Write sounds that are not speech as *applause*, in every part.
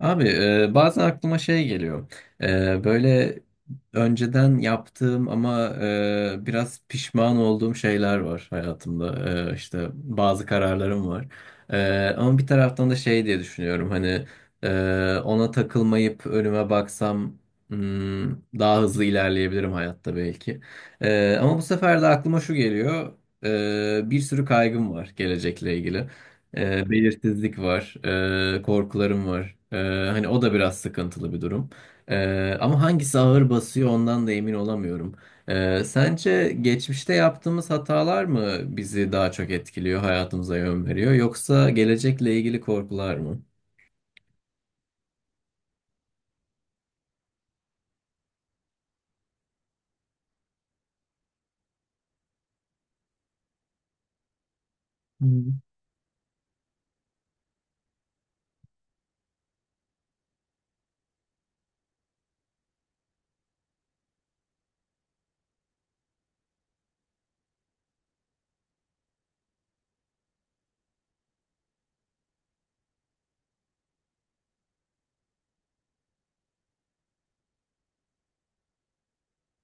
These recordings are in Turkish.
Abi, bazen aklıma şey geliyor. Böyle önceden yaptığım ama biraz pişman olduğum şeyler var hayatımda. İşte bazı kararlarım var. Ama bir taraftan da şey diye düşünüyorum. Hani ona takılmayıp önüme baksam hmm, daha hızlı ilerleyebilirim hayatta belki. Ama bu sefer de aklıma şu geliyor. Bir sürü kaygım var gelecekle ilgili. Belirsizlik var, korkularım var. Hani o da biraz sıkıntılı bir durum. Ama hangisi ağır basıyor ondan da emin olamıyorum. Sence geçmişte yaptığımız hatalar mı bizi daha çok etkiliyor, hayatımıza yön veriyor, yoksa gelecekle ilgili korkular mı? Hı hı.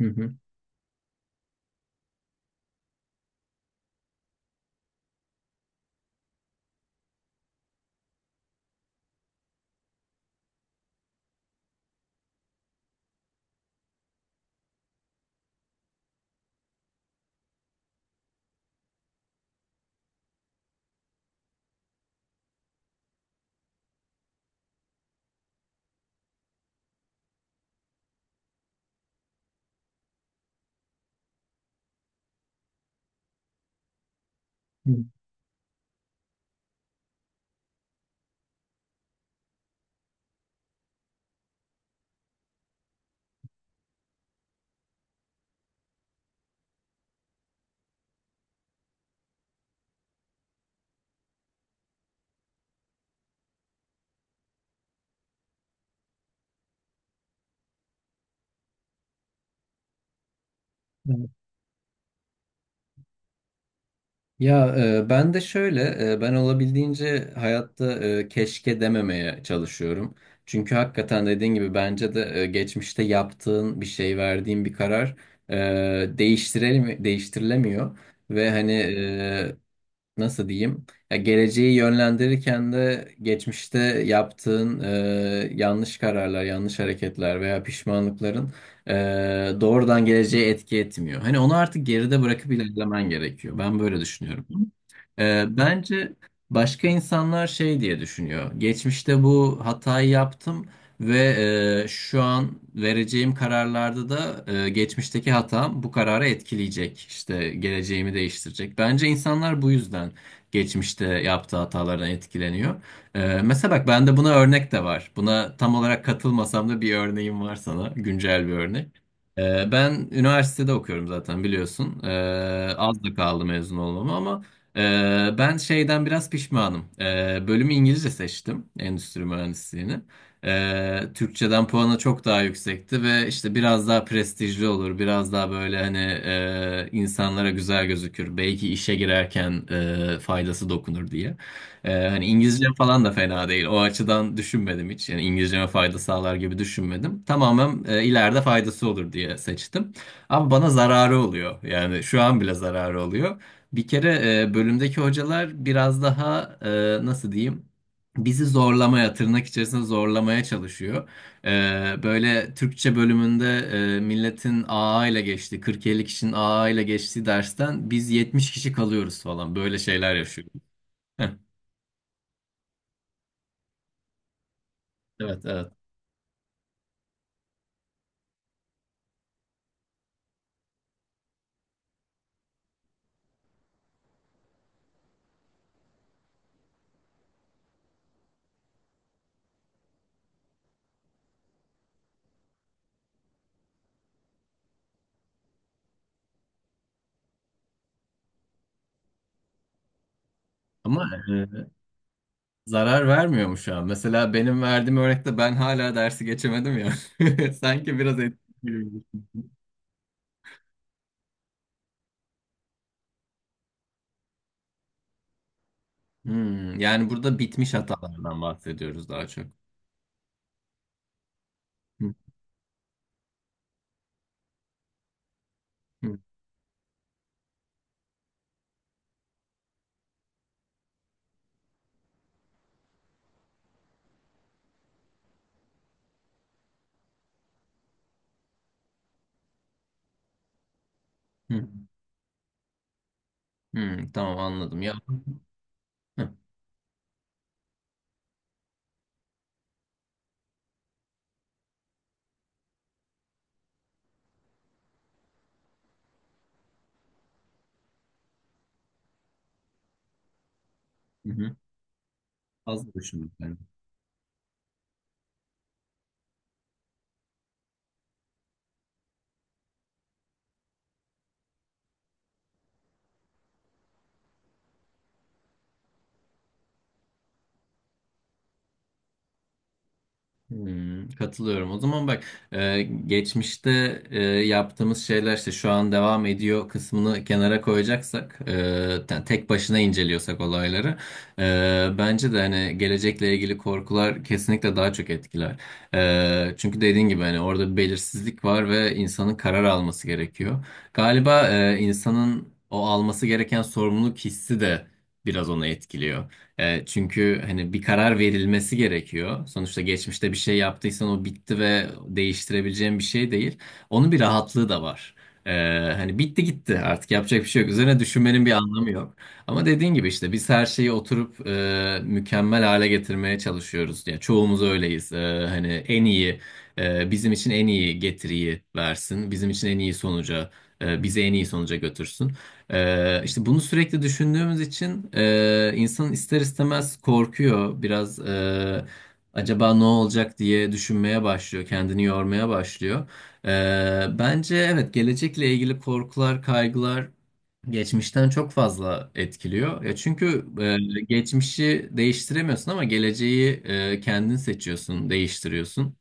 Hı hı. Hı. Ya ben de şöyle, ben olabildiğince hayatta keşke dememeye çalışıyorum. Çünkü hakikaten dediğin gibi bence de geçmişte yaptığın bir şey, verdiğin bir karar değiştirilemiyor. Ve hani, nasıl diyeyim? Ya geleceği yönlendirirken de geçmişte yaptığın yanlış kararlar, yanlış hareketler veya pişmanlıkların e, doğrudan geleceğe etki etmiyor. Hani onu artık geride bırakıp ilerlemen gerekiyor. Ben böyle düşünüyorum. Bence başka insanlar şey diye düşünüyor. Geçmişte bu hatayı yaptım. Ve şu an vereceğim kararlarda da geçmişteki hatam bu kararı etkileyecek. İşte geleceğimi değiştirecek. Bence insanlar bu yüzden geçmişte yaptığı hatalardan etkileniyor. Mesela bak bende buna örnek de var. Buna tam olarak katılmasam da bir örneğim var sana. Güncel bir örnek. Ben üniversitede okuyorum zaten biliyorsun. Az da kaldı mezun olmama ama ben şeyden biraz pişmanım. Bölümü İngilizce seçtim. Endüstri mühendisliğini. Türkçeden puanı çok daha yüksekti ve işte biraz daha prestijli olur. Biraz daha böyle hani insanlara güzel gözükür. Belki işe girerken faydası dokunur diye. Hani İngilizcem falan da fena değil. O açıdan düşünmedim hiç. Yani İngilizceme fayda sağlar gibi düşünmedim. Tamamen ileride faydası olur diye seçtim. Ama bana zararı oluyor. Yani şu an bile zararı oluyor. Bir kere bölümdeki hocalar biraz daha nasıl diyeyim? Bizi zorlamaya, tırnak içerisinde zorlamaya çalışıyor. Böyle Türkçe bölümünde milletin AA ile geçtiği, 40-50 kişinin AA ile geçtiği dersten biz 70 kişi kalıyoruz falan. Böyle şeyler yaşıyoruz. Heh. Evet, evet. Ama e, zarar vermiyor mu şu an? Mesela benim verdiğim örnekte ben hala dersi geçemedim ya. *laughs* Sanki biraz etkili. Yani burada bitmiş hatalardan bahsediyoruz daha çok. Hı, hı, hı, hı. Hmm, tamam anladım ya. Hı, hı. Fazla düşünmek lazım. Hmm, katılıyorum. O zaman bak geçmişte yaptığımız şeyler işte şu an devam ediyor kısmını kenara koyacaksak yani tek başına inceliyorsak olayları bence de hani gelecekle ilgili korkular kesinlikle daha çok etkiler. Çünkü dediğin gibi hani orada bir belirsizlik var ve insanın karar alması gerekiyor. Galiba insanın o alması gereken sorumluluk hissi de biraz onu etkiliyor. Çünkü hani bir karar verilmesi gerekiyor. Sonuçta geçmişte bir şey yaptıysan o bitti ve değiştirebileceğin bir şey değil. Onun bir rahatlığı da var. E, Hani bitti gitti artık yapacak bir şey yok. Üzerine düşünmenin bir anlamı yok. Ama dediğin gibi işte biz her şeyi oturup mükemmel hale getirmeye çalışıyoruz. Yani çoğumuz öyleyiz. Hani en iyi, bizim için en iyi getiriyi versin. Bizim için en iyi sonuca, bizi en iyi sonuca götürsün. İşte bunu sürekli düşündüğümüz için insan ister istemez korkuyor. Biraz acaba ne olacak diye düşünmeye başlıyor, kendini yormaya başlıyor. Bence evet gelecekle ilgili korkular, kaygılar geçmişten çok fazla etkiliyor. Ya çünkü geçmişi değiştiremiyorsun ama geleceği kendin seçiyorsun, değiştiriyorsun.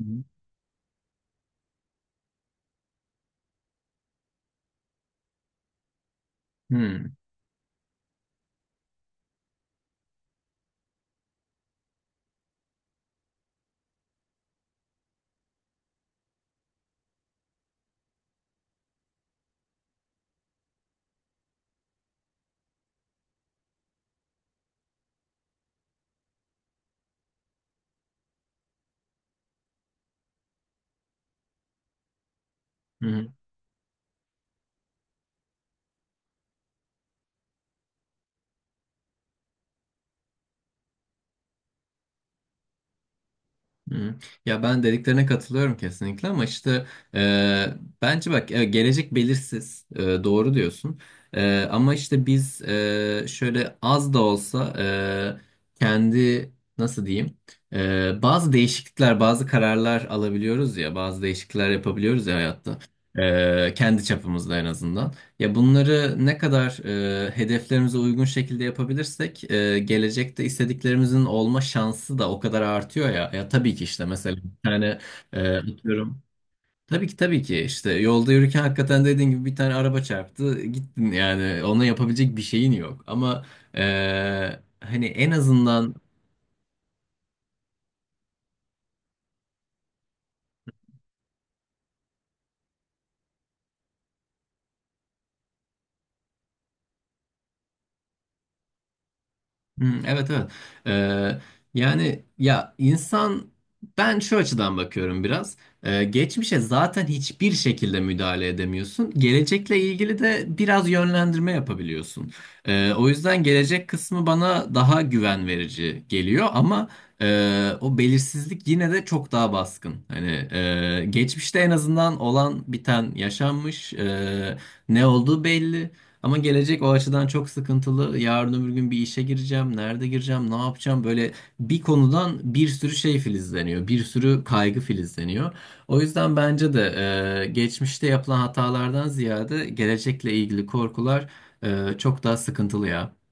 Hı hı. Hmm. Hı hı. Hı. Ya ben dediklerine katılıyorum kesinlikle ama işte e, bence bak gelecek belirsiz, doğru diyorsun, ama işte biz şöyle az da olsa kendi nasıl diyeyim, bazı değişiklikler bazı kararlar alabiliyoruz ya bazı değişiklikler yapabiliyoruz ya hayatta, kendi çapımızda en azından. Ya bunları ne kadar hedeflerimize uygun şekilde yapabilirsek gelecekte istediklerimizin olma şansı da o kadar artıyor ya. Ya tabii ki işte mesela bir tane atıyorum. Tabii ki tabii ki işte yolda yürürken hakikaten dediğin gibi bir tane araba çarptı gittin yani ona yapabilecek bir şeyin yok. Ama hani en azından. Hmm, evet, evet. Ee, Yani ya insan ben şu açıdan bakıyorum biraz. Geçmişe zaten hiçbir şekilde müdahale edemiyorsun. Gelecekle ilgili de biraz yönlendirme yapabiliyorsun. O yüzden gelecek kısmı bana daha güven verici geliyor ama o belirsizlik yine de çok daha baskın. Hani geçmişte en azından olan biten yaşanmış. Ne olduğu belli. Ama gelecek o açıdan çok sıkıntılı. Yarın öbür gün bir işe gireceğim, nerede gireceğim, ne yapacağım? Böyle bir konudan bir sürü şey filizleniyor, bir sürü kaygı filizleniyor. O yüzden bence de geçmişte yapılan hatalardan ziyade gelecekle ilgili korkular çok daha sıkıntılı ya.